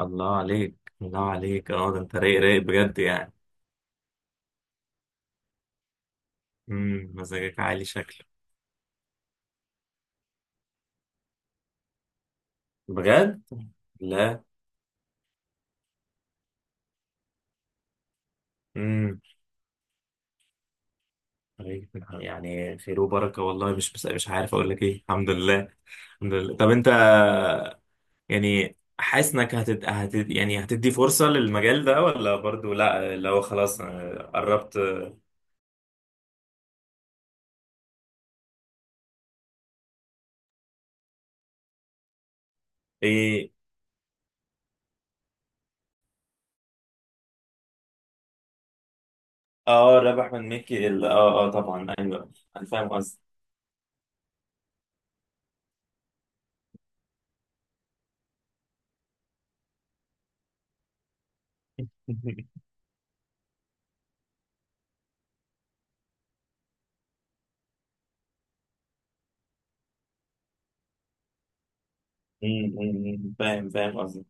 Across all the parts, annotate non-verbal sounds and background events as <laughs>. الله عليك. الله عليك، ده انت رايق بجد يعني. مزاجك عالي شكله. بجد؟ لا. امم طيب، خير وبركه والله. مش عارف اقول لك ايه، الحمد لله. الحمد لله. طب انت يعني حاسس انك هتدي فرصه للمجال ده ولا برضو، لا لو خلاص قربت. ايه. اه رابح احمد مكي اه اه طبعا ايوه. انا فاهم قصدي. <laughs> أمم، أمم، أمم، <laughs> فاهم، فاهم قصدي.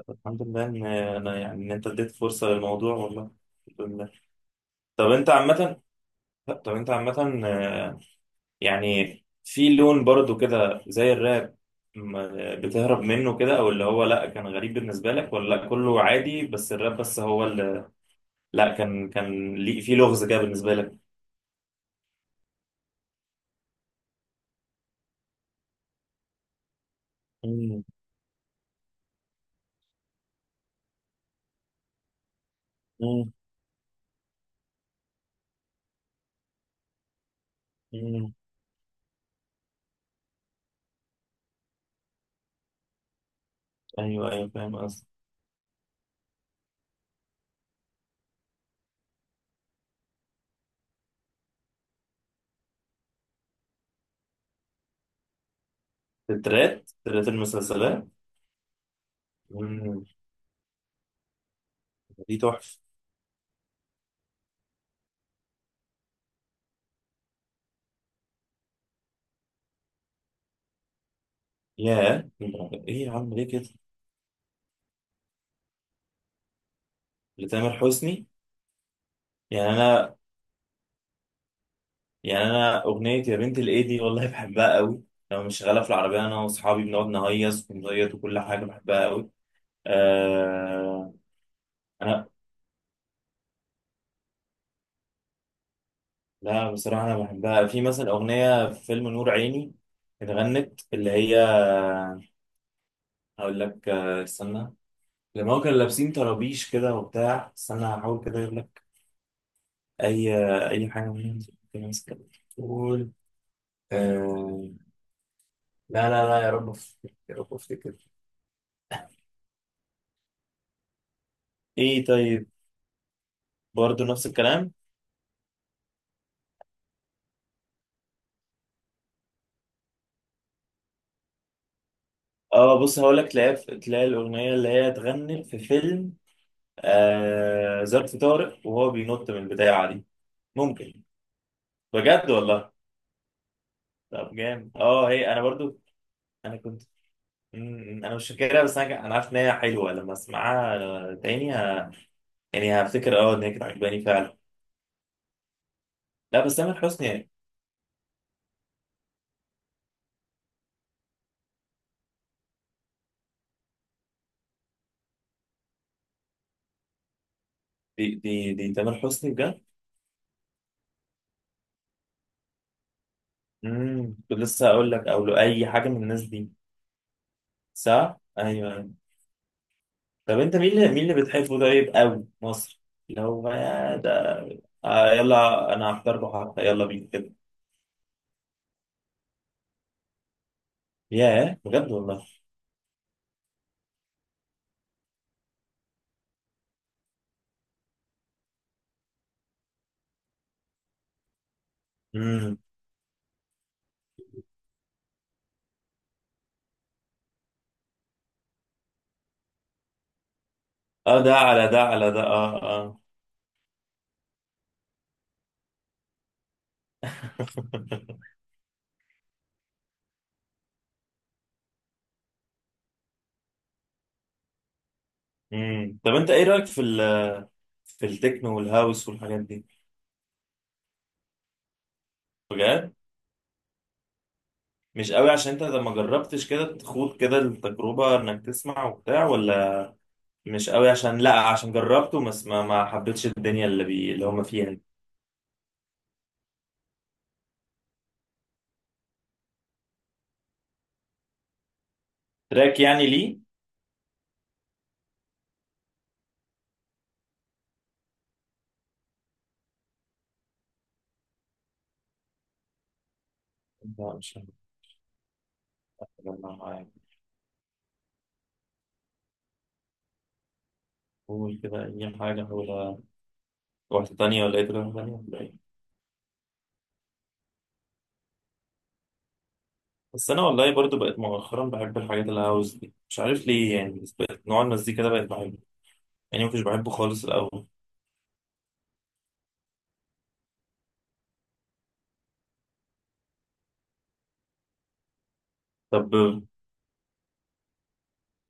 الحمد لله ان انا يعني ان انت اديت فرصه للموضوع والله. الحمد لله. طب انت عامه، طب انت عامه يعني في لون برضو كده زي الراب، بتهرب منه كده، او اللي هو لا كان غريب بالنسبه لك، ولا لا كله عادي بس الراب بس هو اللي، لا كان ليه في لغز كده بالنسبه لك؟ مم، مم، مم. ايوه ايوه فاهم قصدي. الترات، ترات المسلسلات. مم، دي تحفه. ياه، ايه يا عم ليه كده؟ لتامر حسني؟ يعني، يعني انا اغنيه يا بنت الايدي والله بحبها قوي. لما مش شغاله في العربيه انا واصحابي بنقعد نهيص ونزيط، وكل حاجه بحبها قوي. آه. انا، لا بصراحه انا بحبها، في مثلا اغنيه في فيلم نور عيني اتغنت، اللي هي، هقول لك استنى. لما هو كانوا لابسين طرابيش كده وبتاع، استنى هحاول كده اجيب لك اي، اي حاجه منهم كده ماسكة بتقول، آه، لا لا لا يا رب أفتكر، يا رب افتكر. ايه، طيب، برضه نفس الكلام. اه بص، هقول لك، تلاقي الاغنيه اللي هي اتغنت في فيلم آه ظرف طارق، وهو بينط من البدايه دي، ممكن. بجد والله. طب جامد، اه هي انا برضو. انا كنت، مم، انا مش فاكرها بس انا عارف ان هي حلوه، لما اسمعها تاني ه... يعني هفتكر اه ان هي كانت عجباني فعلا. لا بس تامر حسني يعني، دي تامر حسني بجد. كنت لسه هقول لك او له اي حاجه من الناس دي. صح، ايوه. طب انت مين اللي بتحبه طيب قوي مصر، اللي هو بقى ده؟ آه يلا، انا هختار بحر، يلا بينا كده. ياه، بجد والله. امم. اه ده على ده اه اه. <laughs> امم. طب انت ايه رايك في التكنو والهاوس والحاجات دي؟ بجد؟ مش قوي عشان انت لما جربتش كده تخوض كده التجربه، انك تسمع وبتاع، ولا مش قوي عشان لا عشان جربته بس ما حبيتش الدنيا اللي هم فيها دي. تراك يعني ليه؟ لا مش، هجربها. قول كده أي حاجة، ولا واحدة تانية، ولا إيه تجربة تانية ولا إيه؟ بس أنا والله برضو بقيت مؤخرا بحب الحاجات الهاوس دي، مش عارف ليه يعني، بس بقيت نوع المزيكا ده بقيت بحبه، يعني ما كنتش بحبه خالص الأول. طب.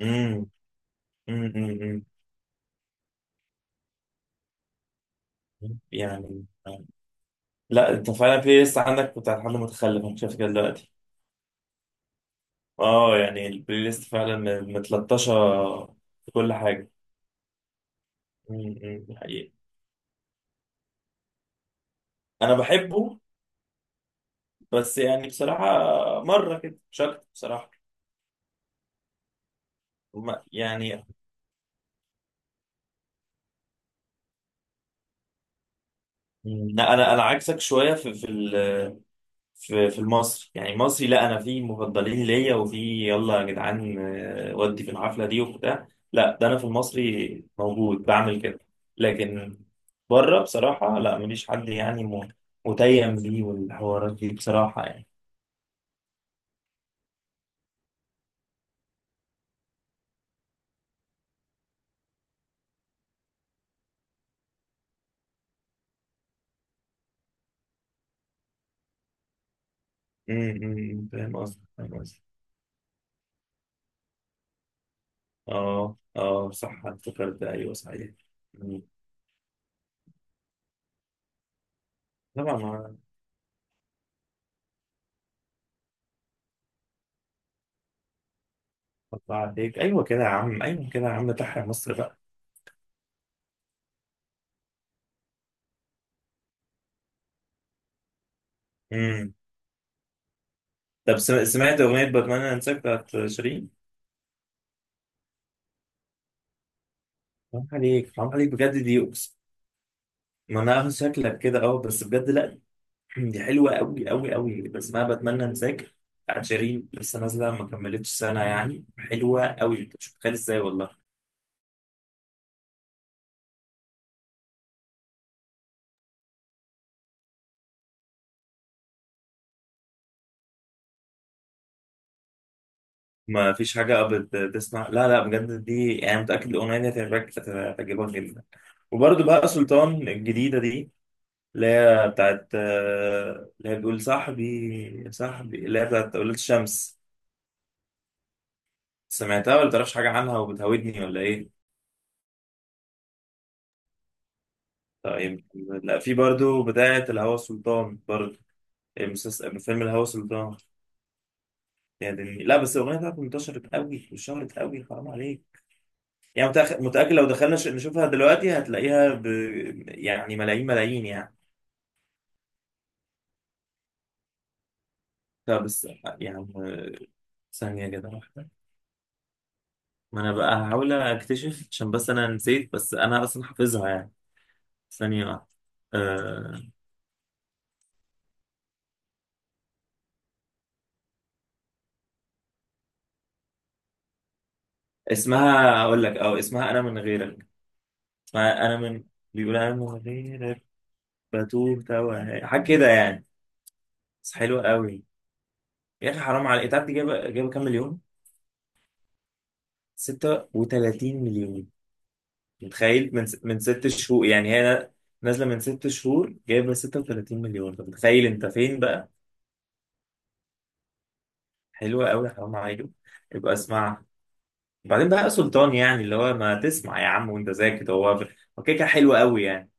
امم، امم. يعني. لا أنت فعلا بلاي ليست عندك بتاع حد متخلف، أنا شايف كده دلوقتي. أه يعني البلاي ليست فعلا متلطشة في كل حاجة. امم، حقيقي. أنا بحبه، بس يعني بصراحة مرة كده مش أكتر بصراحة. ما- يعني مم. لا انا عكسك شويه في في المصري، يعني مصري، لا انا في مفضلين ليا، وفي يلا يا جدعان ودي في الحفله دي وبتاع. لا ده انا في المصري موجود بعمل كده، لكن بره بصراحه لا ماليش حد يعني، متيم ليه والحوارات دي بصراحه يعني. مم، مم، فاهم قصدي، فاهم قصدي. اه اه صح، افتكرت ده، ايوه صحيح. مم. طبعا ما، قطع عليك، ايوه كده يا عم، ايوه كده يا عم، تحيا مصر بقى. مم. طب سمعت أغنية بتمنى أنساك بتاعت شيرين؟ حرام عليك، حرام عليك بجد، دي أقسم. ما أنا عارف شكلك كده، أه، بس بجد لأ. <clears throat> دي حلوة أوي أوي أوي، بسمعها بتمنى أنساك بتاعت شيرين، لسه نازلة ما كملتش سنة يعني، حلوة أوي، أنت مش متخيل إزاي والله. ما فيش حاجة بتسمع لا لا. بجد دي يعني، متأكد الأغنية دي هتعجبك، هتعجبك جدا. وبرده بقى سلطان الجديدة دي، اللي هي بتاعت اللي هي بتقول صاحبي صاحبي، اللي هي بتاعت أولاد الشمس، سمعتها ولا تعرفش حاجة عنها وبتهودني ولا إيه؟ طيب. لا في برضو بتاعة الهوى سلطان برضو، المسلسل من فيلم الهوى سلطان. يعني لا بس الأغنية بتاعته انتشرت قوي وشهرت قوي، حرام عليك. يعني متأكد لو دخلنا نشوفها دلوقتي هتلاقيها ب... يعني ملايين ملايين يعني. لا بس يعني، ثانية كده واحدة. ما أنا بقى هحاول أكتشف عشان بس أنا نسيت، بس أنا أصلا حافظها يعني. ثانية واحدة. أه... اسمها، أقول لك، أه اسمها أنا من غيرك، فانا من، بيقول انا من غيرك بتوه توه حاجه كده يعني، بس حلوه قوي. يا اخي حرام عليك، انت عارف دي جايبه كام مليون؟ 36 مليون. متخيل؟ من ست شهور يعني، هي نازله من ست شهور جايبه 36 مليون، طب متخيل انت فين بقى. حلوه قوي حرام عليك. يبقى اسمعها، بعدين بقى يا سلطان يعني، اللي هو ما تسمع يا عم، وانت زي كده هو هو كده كده حلو قوي يعني.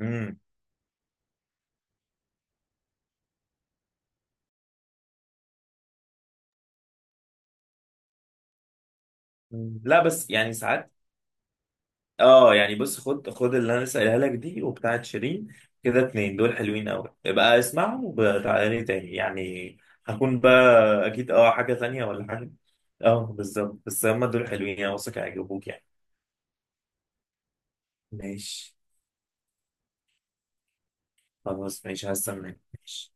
امم. لا بس يعني ساعات. اه يعني، بص خد، اللي انا لسه قايلها لك دي، وبتاعت شيرين، كده اتنين دول حلوين قوي، ابقى اسمعهم وتعالى لي تاني يعني. هكون بقى اكيد اه حاجه تانية ولا حاجه. اه بالظبط، بس هما دول حلوين، انا واثق هيعجبوك يعني. ماشي. خلاص ماشي، هستناك ماشي.